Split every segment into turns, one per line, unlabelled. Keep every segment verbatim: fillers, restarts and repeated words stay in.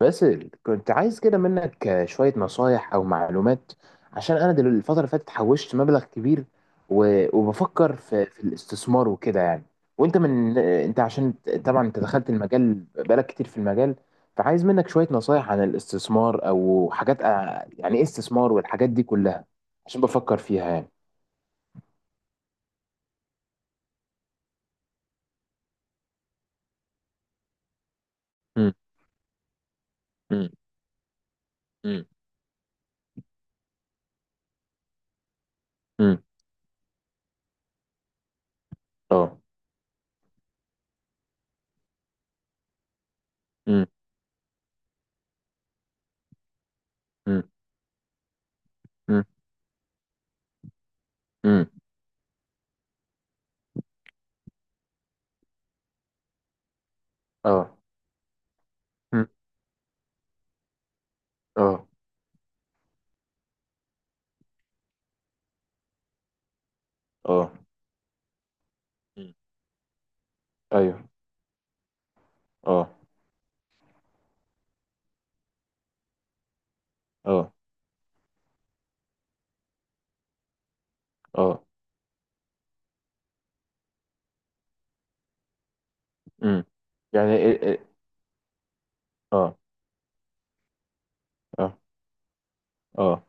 باسل، كنت عايز كده منك شوية نصايح أو معلومات عشان أنا دل- الفترة اللي فاتت حوشت مبلغ كبير. و- وبفكر في, في الاستثمار وكده يعني. وأنت من أنت، عشان طبعا أنت دخلت المجال بقالك كتير في المجال، فعايز منك شوية نصايح عن الاستثمار أو حاجات ع- يعني إيه استثمار والحاجات دي كلها، عشان بفكر فيها يعني. مم، مم، مم، مم، أه، مم، مم، مم، مم، أه، مم، أه، أه، مم، أيوه، أه، أه، اه، امم. يعني ال- ال- اه، اه، اه،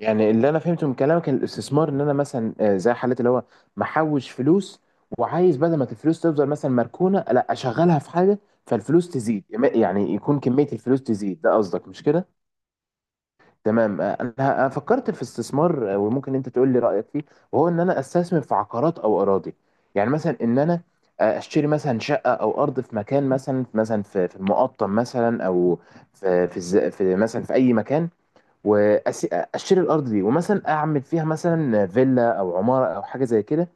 يعني اللي انا فهمته من كلامك إن الاستثمار ان انا مثلا، آه، زي حالة اللي هو محوش فلوس، وعايز بدل ما الفلوس تفضل مثلا مركونة لا اشغلها في حاجة فالفلوس تزيد. يعني يكون كمية الفلوس تزيد، ده قصدك مش كده؟ تمام. آه، انا أنا فكرت في استثمار، آه، وممكن انت تقول لي رايك فيه، وهو ان انا استثمر في عقارات او اراضي. يعني مثلا ان انا، آه، اشتري مثلا شقه او ارض في مكان، مثلا مثلا في في المقطم مثلا، او في في, الز- في مثلا في اي مكان، واشتري الارض دي ومثلا اعمل فيها مثلا فيلا او عماره او حاجه زي كده.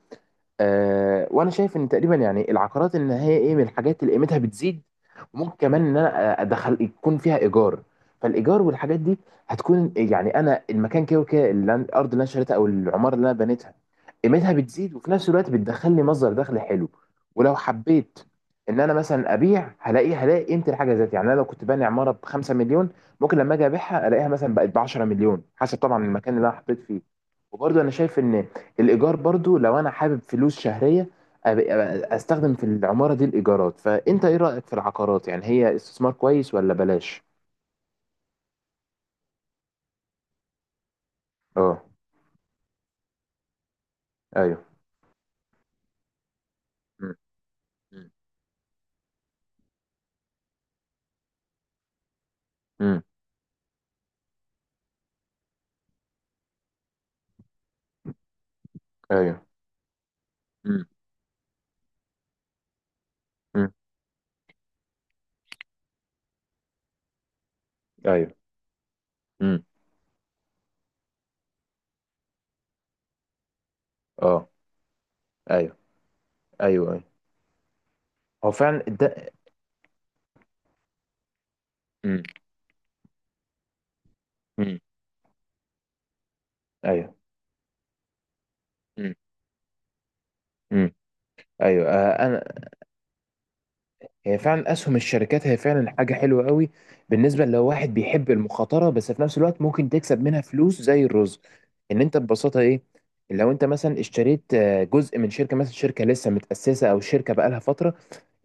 آه، وانا شايف ان تقريبا يعني العقارات ان هي ايه، من الحاجات اللي قيمتها بتزيد، وممكن كمان ان انا ادخل يكون فيها ايجار. فالايجار والحاجات دي هتكون، يعني انا المكان كده وكده اللي أنا- الارض اللي انا شريتها او العماره اللي انا بنيتها قيمتها بتزيد، وفي نفس الوقت بتدخل لي مصدر دخل حلو. ولو حبيت ان انا مثلا ابيع هلاقي هلاقي قيمه الحاجه ذات، يعني انا لو كنت باني عماره ب 5 مليون ممكن لما اجي ابيعها الاقيها مثلا بقت ب 10 مليون، حسب طبعا المكان اللي انا حطيت فيه. وبرضه انا شايف ان الايجار برضو لو انا حابب فلوس شهريه، أب- أب- استخدم في العماره دي الايجارات. فانت ايه رايك في العقارات؟ يعني هي استثمار كويس ولا بلاش؟ اه. ايوه. مم. مم. مم. ايوه. مم. مم. ايوه. مم. اه. ايوه. ايوه. ايوه. هو فعلا ده. مم. مم. ايوه. مم. مم. ايوه. آه، انا، هي فعلا اسهم الشركات هي فعلا حاجه حلوه قوي بالنسبه لو واحد بيحب المخاطره، بس في نفس الوقت ممكن تكسب منها فلوس زي الرز. ان انت ببساطه ايه، لو انت مثلا اشتريت، آه، جزء من شركه، مثلا شركه لسه متاسسه او شركه بقالها فتره،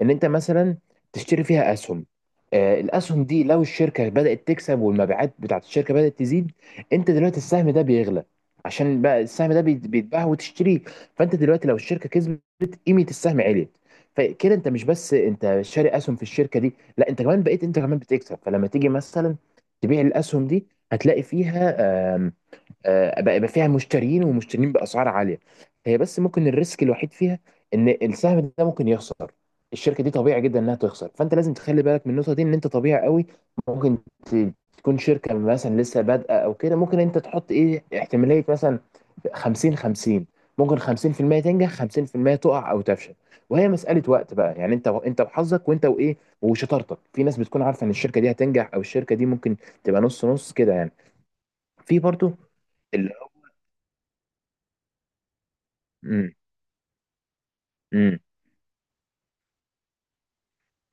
ان انت مثلا تشتري فيها اسهم. آه، الاسهم دي لو الشركه بدات تكسب والمبيعات بتاعت الشركه بدات تزيد، انت دلوقتي السهم ده بيغلى، عشان بقى السهم ده بيت- بيتباع وتشتريه. فانت دلوقتي لو الشركه كسبت قيمه السهم عليت، فكده انت مش بس انت شاري اسهم في الشركه دي، لا انت كمان بقيت، انت كمان بتكسب، فلما تيجي مثلا تبيع الاسهم دي هتلاقي فيها، آه، بقى يبقى فيها مشترين ومشترين باسعار عاليه. هي بس ممكن الريسك الوحيد فيها ان السهم ده ممكن يخسر، الشركه دي طبيعي جدا انها تخسر، فانت لازم تخلي بالك من النقطه دي ان انت طبيعي قوي ممكن ت- تكون شركه مثلا لسه بادئه او كده. ممكن انت تحط ايه احتماليه مثلا خمسين خمسين، ممكن خمسين في المية تنجح خمسين في المية تقع او تفشل. وهي مساله وقت بقى يعني انت، انت وحظك وانت وايه وشطارتك، في ناس بتكون عارفه ان الشركه دي هتنجح او الشركه دي ممكن تبقى نص نص كده يعني. في برضو ال... امم.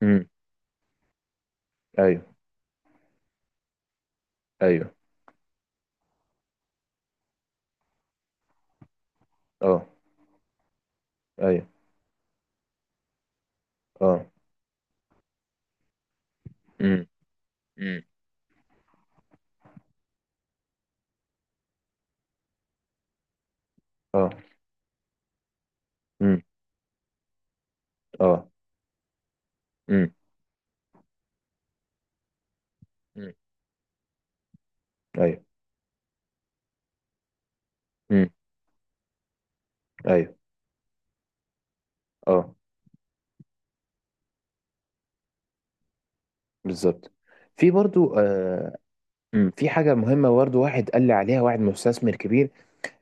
امم. ايوه. ايوه. اه. ايوه. اه. امم. امم. اه. امم. اه. امم. امم. ايوه. امم. ايوه. اه. بالظبط. في برضو، آه، أمم، في حاجه مهمه برضو واحد قال لي عليها واحد مستثمر كبير،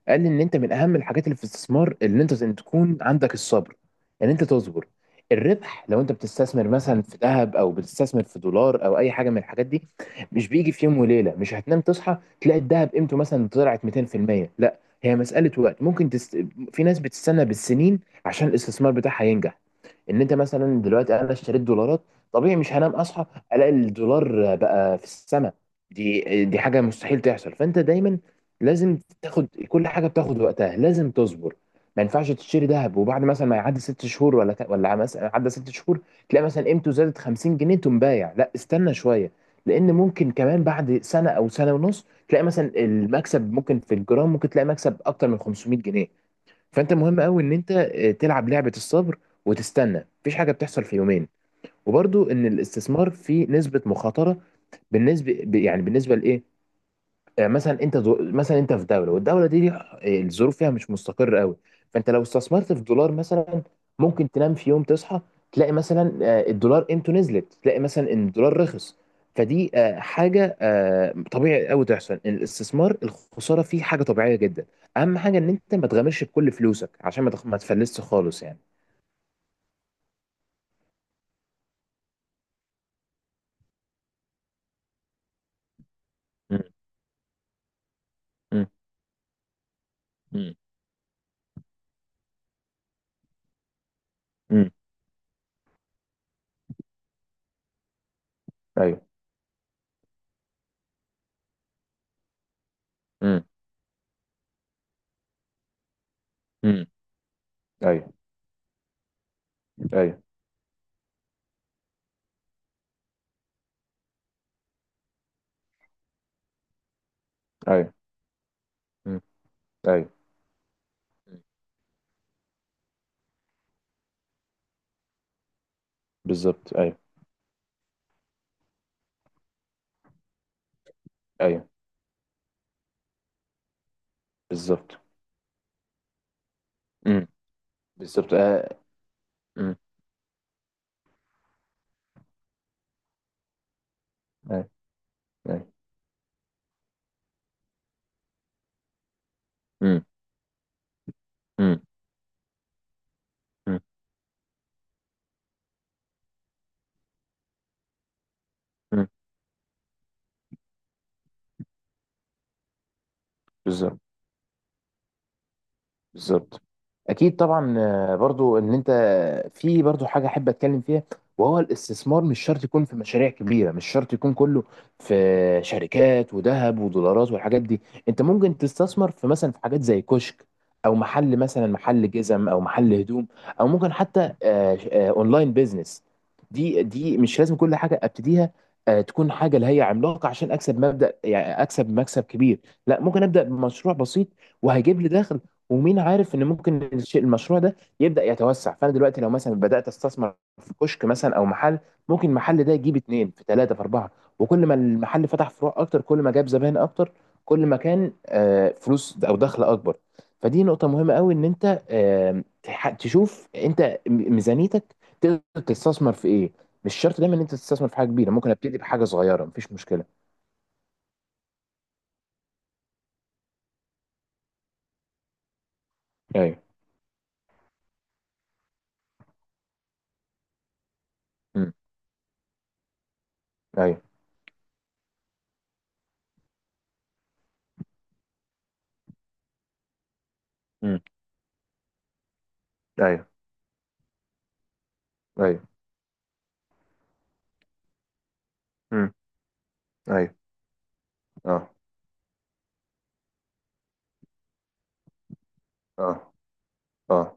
قال ان انت من اهم الحاجات اللي في الاستثمار ان انت ان تكون عندك الصبر، ان انت تصبر. الربح لو انت بتستثمر مثلا في ذهب او بتستثمر في دولار او اي حاجه من الحاجات دي مش بيجي في يوم وليله، مش هتنام تصحى تلاقي الذهب قيمته مثلا طلعت ميتين في المية، لا هي مساله وقت، ممكن تست... في ناس بتستنى بالسنين عشان الاستثمار بتاعها ينجح. ان انت مثلا دلوقتي انا اشتريت دولارات، طبيعي مش هنام اصحى الاقي الدولار بقى في السماء، دي دي حاجه مستحيل تحصل. فانت دايما لازم تاخد كل حاجه بتاخد وقتها، لازم تصبر. ما ينفعش تشتري ذهب وبعد مثلا ما يعدي ست شهور، ولا ت- ولا مثلا عدى ست شهور تلاقي مثلا قيمته زادت خمسين جنيه تقوم بايع، لا استنى شويه، لان ممكن كمان بعد سنه او سنة ونص تلاقي مثلا المكسب ممكن في الجرام ممكن تلاقي مكسب اكتر من خمسمية جنيه. فانت مهم قوي ان انت، آه، تلعب لعبه الصبر وتستنى، مفيش حاجه بتحصل في يومين. وبرضو ان الاستثمار فيه نسبه مخاطره بالنسبه ب- يعني بالنسبه لايه، آه، مثلا انت زو... مثلا انت في دوله والدوله دي ليها- آه، الظروف فيها مش مستقره قوي، فانت لو استثمرت في دولار مثلا ممكن تنام في يوم تصحى تلاقي مثلا، آه، الدولار قيمته نزلت، تلاقي مثلا ان الدولار رخص. فدي، آه، حاجه، آه، طبيعي قوي تحصل، الاستثمار الخساره فيه حاجه طبيعيه جدا. اهم حاجه ان انت ما تغامرش بكل فلوسك عشان ما تخ- ما تفلسش خالص يعني. مم. مم. مم. مم. ايوه. مم. مم. ايوه. ايوه. ايوه. مم. ايوه. بالظبط. ايوه. ايوه. بالظبط. امم. بالظبط. آه. امم. أيوة. أيوة. امم. امم. امم. امم. بالظبط. بالظبط. اكيد طبعا. آه، برضو ان انت، في برضو حاجه احب اتكلم فيها، وهو الاستثمار مش شرط يكون في مشاريع كبيره، مش شرط يكون كله في شركات وذهب ودولارات والحاجات دي. انت ممكن تستثمر في مثلا في حاجات زي كشك، او محل مثلا، محل جزم او محل هدوم، او ممكن حتى، آه، آه، اونلاين بيزنس. دي دي مش لازم كل حاجه ابتديها، آه، تكون حاجه اللي هي عملاقه عشان اكسب مبدا، يعني اكسب مكسب كبير، لا ممكن ابدا بمشروع بسيط وهيجيب لي دخل. ومين عارف ان ممكن الشيء المشروع ده يبدا يتوسع، فانا دلوقتي لو مثلا بدات استثمر في كشك مثلا او محل، ممكن المحل ده يجيب اتنين في ثلاثه في اربعه، وكل ما المحل فتح فروع اكتر كل ما جاب زباين اكتر، كل ما كان، آه، فلوس او دخل اكبر. فدي نقطه مهمه قوي ان انت، آه، تح- تشوف انت م- ميزانيتك تقدر تستثمر في ايه، مش شرط دايما ان انت تستثمر في حاجه كبيره، ممكن ابتدي بحاجه صغيره مفيش مشكله. ايوه. امم. ايوه. امم. ايوه. ايوه. امم. ايوه. اه. اه. اه.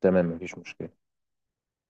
تمام، مفيش مشكلة.